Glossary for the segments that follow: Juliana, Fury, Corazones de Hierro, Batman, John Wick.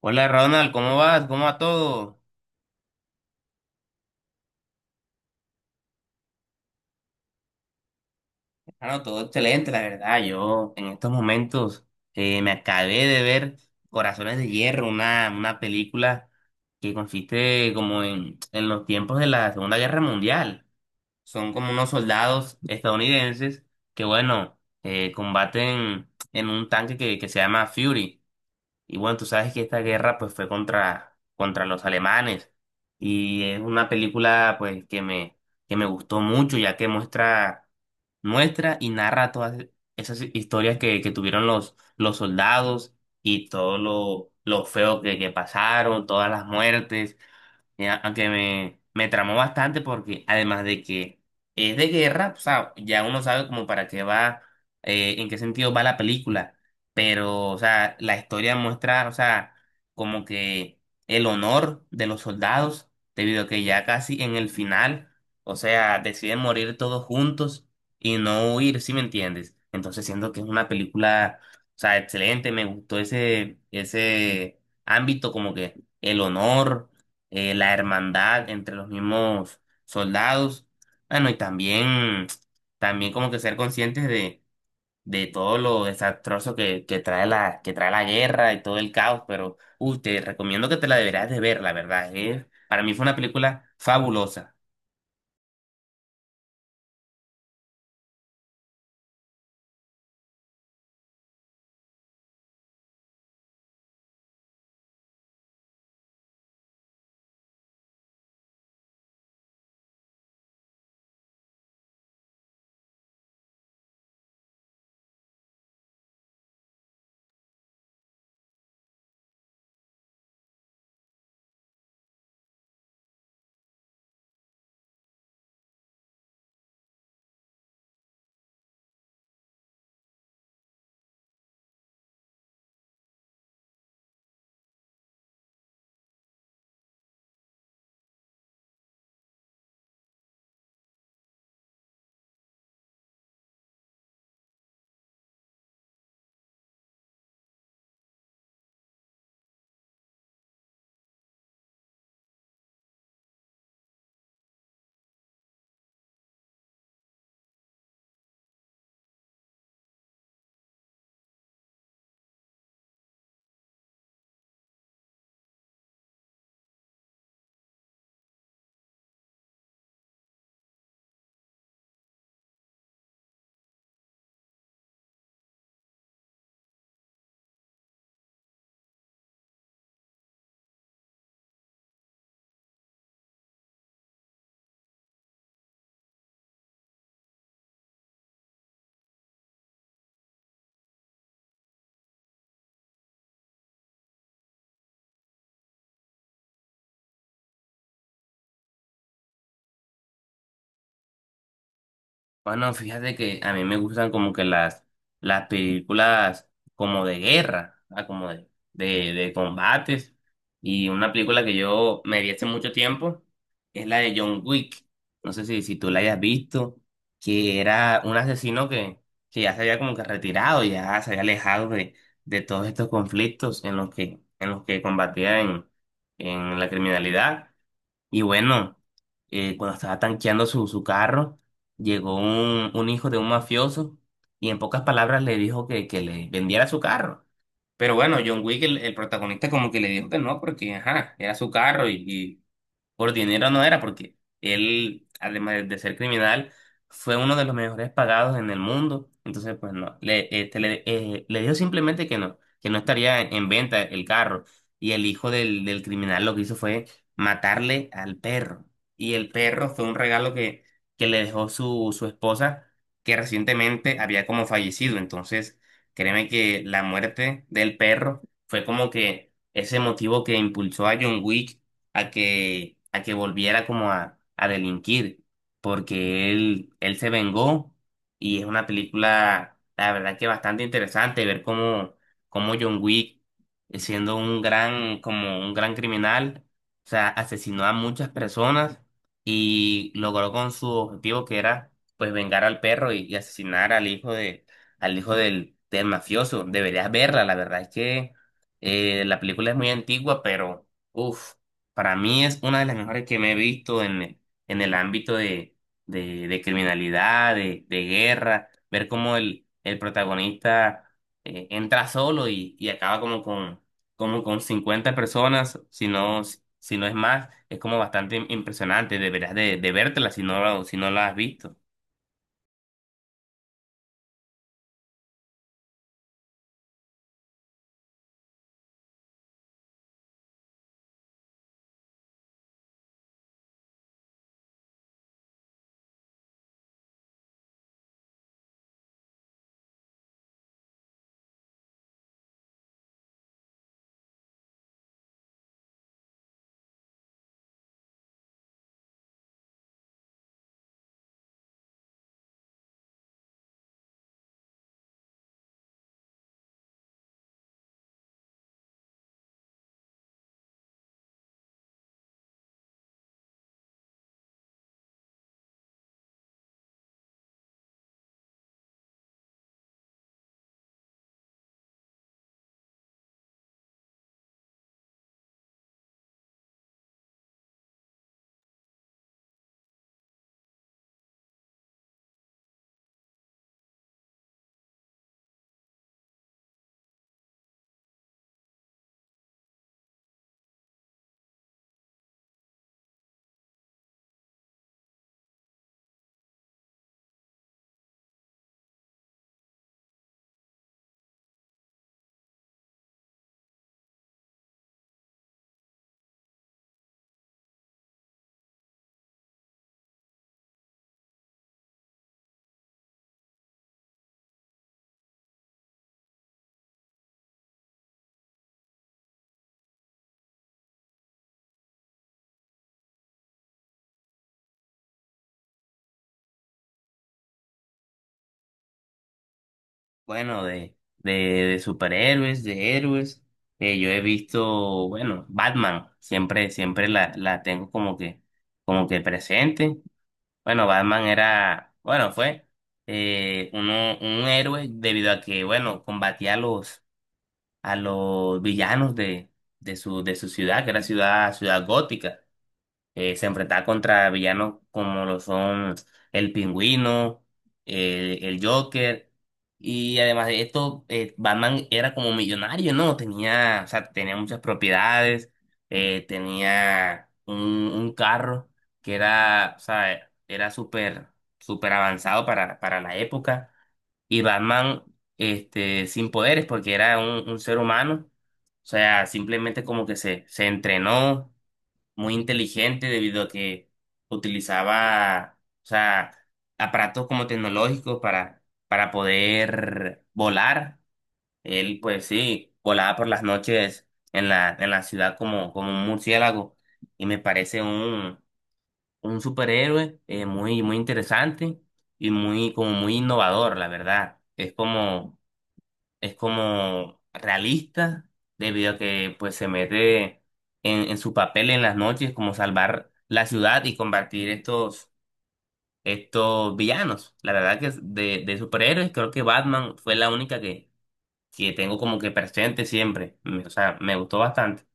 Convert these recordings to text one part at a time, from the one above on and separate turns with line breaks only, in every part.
Hola Ronald, ¿cómo vas? ¿Cómo va todo? Bueno, todo excelente, la verdad. Yo en estos momentos me acabé de ver Corazones de Hierro, una película que consiste como en los tiempos de la Segunda Guerra Mundial. Son como unos soldados estadounidenses que, bueno, combaten en un tanque que se llama Fury. Y bueno, tú sabes que esta guerra pues fue contra los alemanes y es una película pues que me gustó mucho ya que muestra, muestra y narra todas esas historias que tuvieron los soldados y todo lo feo que pasaron, todas las muertes. Aunque me tramó bastante porque además de que es de guerra, o sea, ya uno sabe como para qué va, en qué sentido va la película, pero, o sea, la historia muestra, o sea, como que el honor de los soldados, debido a que ya casi en el final, o sea, deciden morir todos juntos y no huir, ¿sí me entiendes? Entonces siento que es una película, o sea, excelente, me gustó ese ámbito como que el honor, la hermandad entre los mismos soldados. Bueno, y también, también como que ser conscientes de todo lo desastroso que trae que trae la guerra y todo el caos, pero uy, te recomiendo que te la deberás de ver, la verdad. Para mí fue una película fabulosa. Bueno, fíjate que a mí me gustan como que las películas como de guerra, ah, como de combates. Y una película que yo me vi hace mucho tiempo es la de John Wick. No sé si tú la hayas visto, que era un asesino que ya se había como que retirado, ya se había alejado de todos estos conflictos en los que combatía en la criminalidad. Y bueno, cuando estaba tanqueando su carro, llegó un hijo de un mafioso y en pocas palabras le dijo que le vendiera su carro. Pero bueno, John Wick, el protagonista, como que le dijo que no, porque ajá, era su carro y, por dinero no era, porque él, además de ser criminal, fue uno de los mejores pagados en el mundo. Entonces, pues no, le dijo simplemente que no estaría en venta el carro. Y el hijo del criminal lo que hizo fue matarle al perro. Y el perro fue un regalo que le dejó su esposa, que recientemente había como fallecido. Entonces, créeme que la muerte del perro fue como que ese motivo que impulsó a John Wick a que volviera como a delinquir, porque él se vengó y es una película, la verdad que bastante interesante ver cómo, cómo John Wick, siendo un gran, como un gran criminal, o sea, asesinó a muchas personas y logró con su objetivo que era pues vengar al perro y asesinar al hijo de, al hijo del mafioso. Deberías verla, la verdad es que la película es muy antigua, pero... uff, para mí es una de las mejores que me he visto en el ámbito de criminalidad, de guerra, ver cómo el protagonista entra solo y acaba como con 50 personas, si no, si no es más, es como bastante impresionante, deberías de vértela si no, la- si no la has visto. Bueno, de superhéroes, de héroes, yo he visto, bueno, Batman, siempre, siempre la tengo como que presente. Bueno, Batman era, bueno, fue un héroe debido a que, bueno, combatía a los villanos de, de su ciudad, que era ciudad, ciudad gótica, se enfrentaba contra villanos como lo son el Pingüino, el Joker, y además de esto, Batman era como millonario, ¿no? Tenía, o sea, tenía muchas propiedades, tenía un carro que era, o sea, era súper, súper avanzado para la época, y Batman, este, sin poderes, porque era un ser humano, o sea, simplemente como que se entrenó muy inteligente debido a que utilizaba, o sea, aparatos como tecnológicos para poder volar. Él, pues sí, volaba por las noches en en la ciudad como, como un murciélago y me parece un superhéroe, muy, muy interesante y muy, como muy innovador, la verdad. Es como realista, debido a que pues se mete en su papel en las noches como salvar la ciudad y combatir estos, estos villanos. La verdad que es de superhéroes creo que Batman fue la única que tengo como que presente siempre. Me- O sea, me gustó bastante.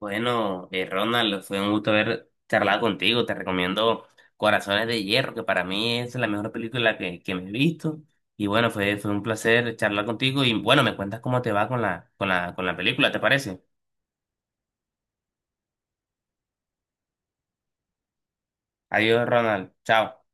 Bueno, Ronald, fue un gusto haber charlado contigo. Te recomiendo Corazones de Hierro, que para mí es la mejor película que me he visto. Y bueno, fue un placer charlar contigo. Y bueno, me cuentas cómo te va con la, con la, con la película, ¿te parece? Adiós, Ronald. Chao.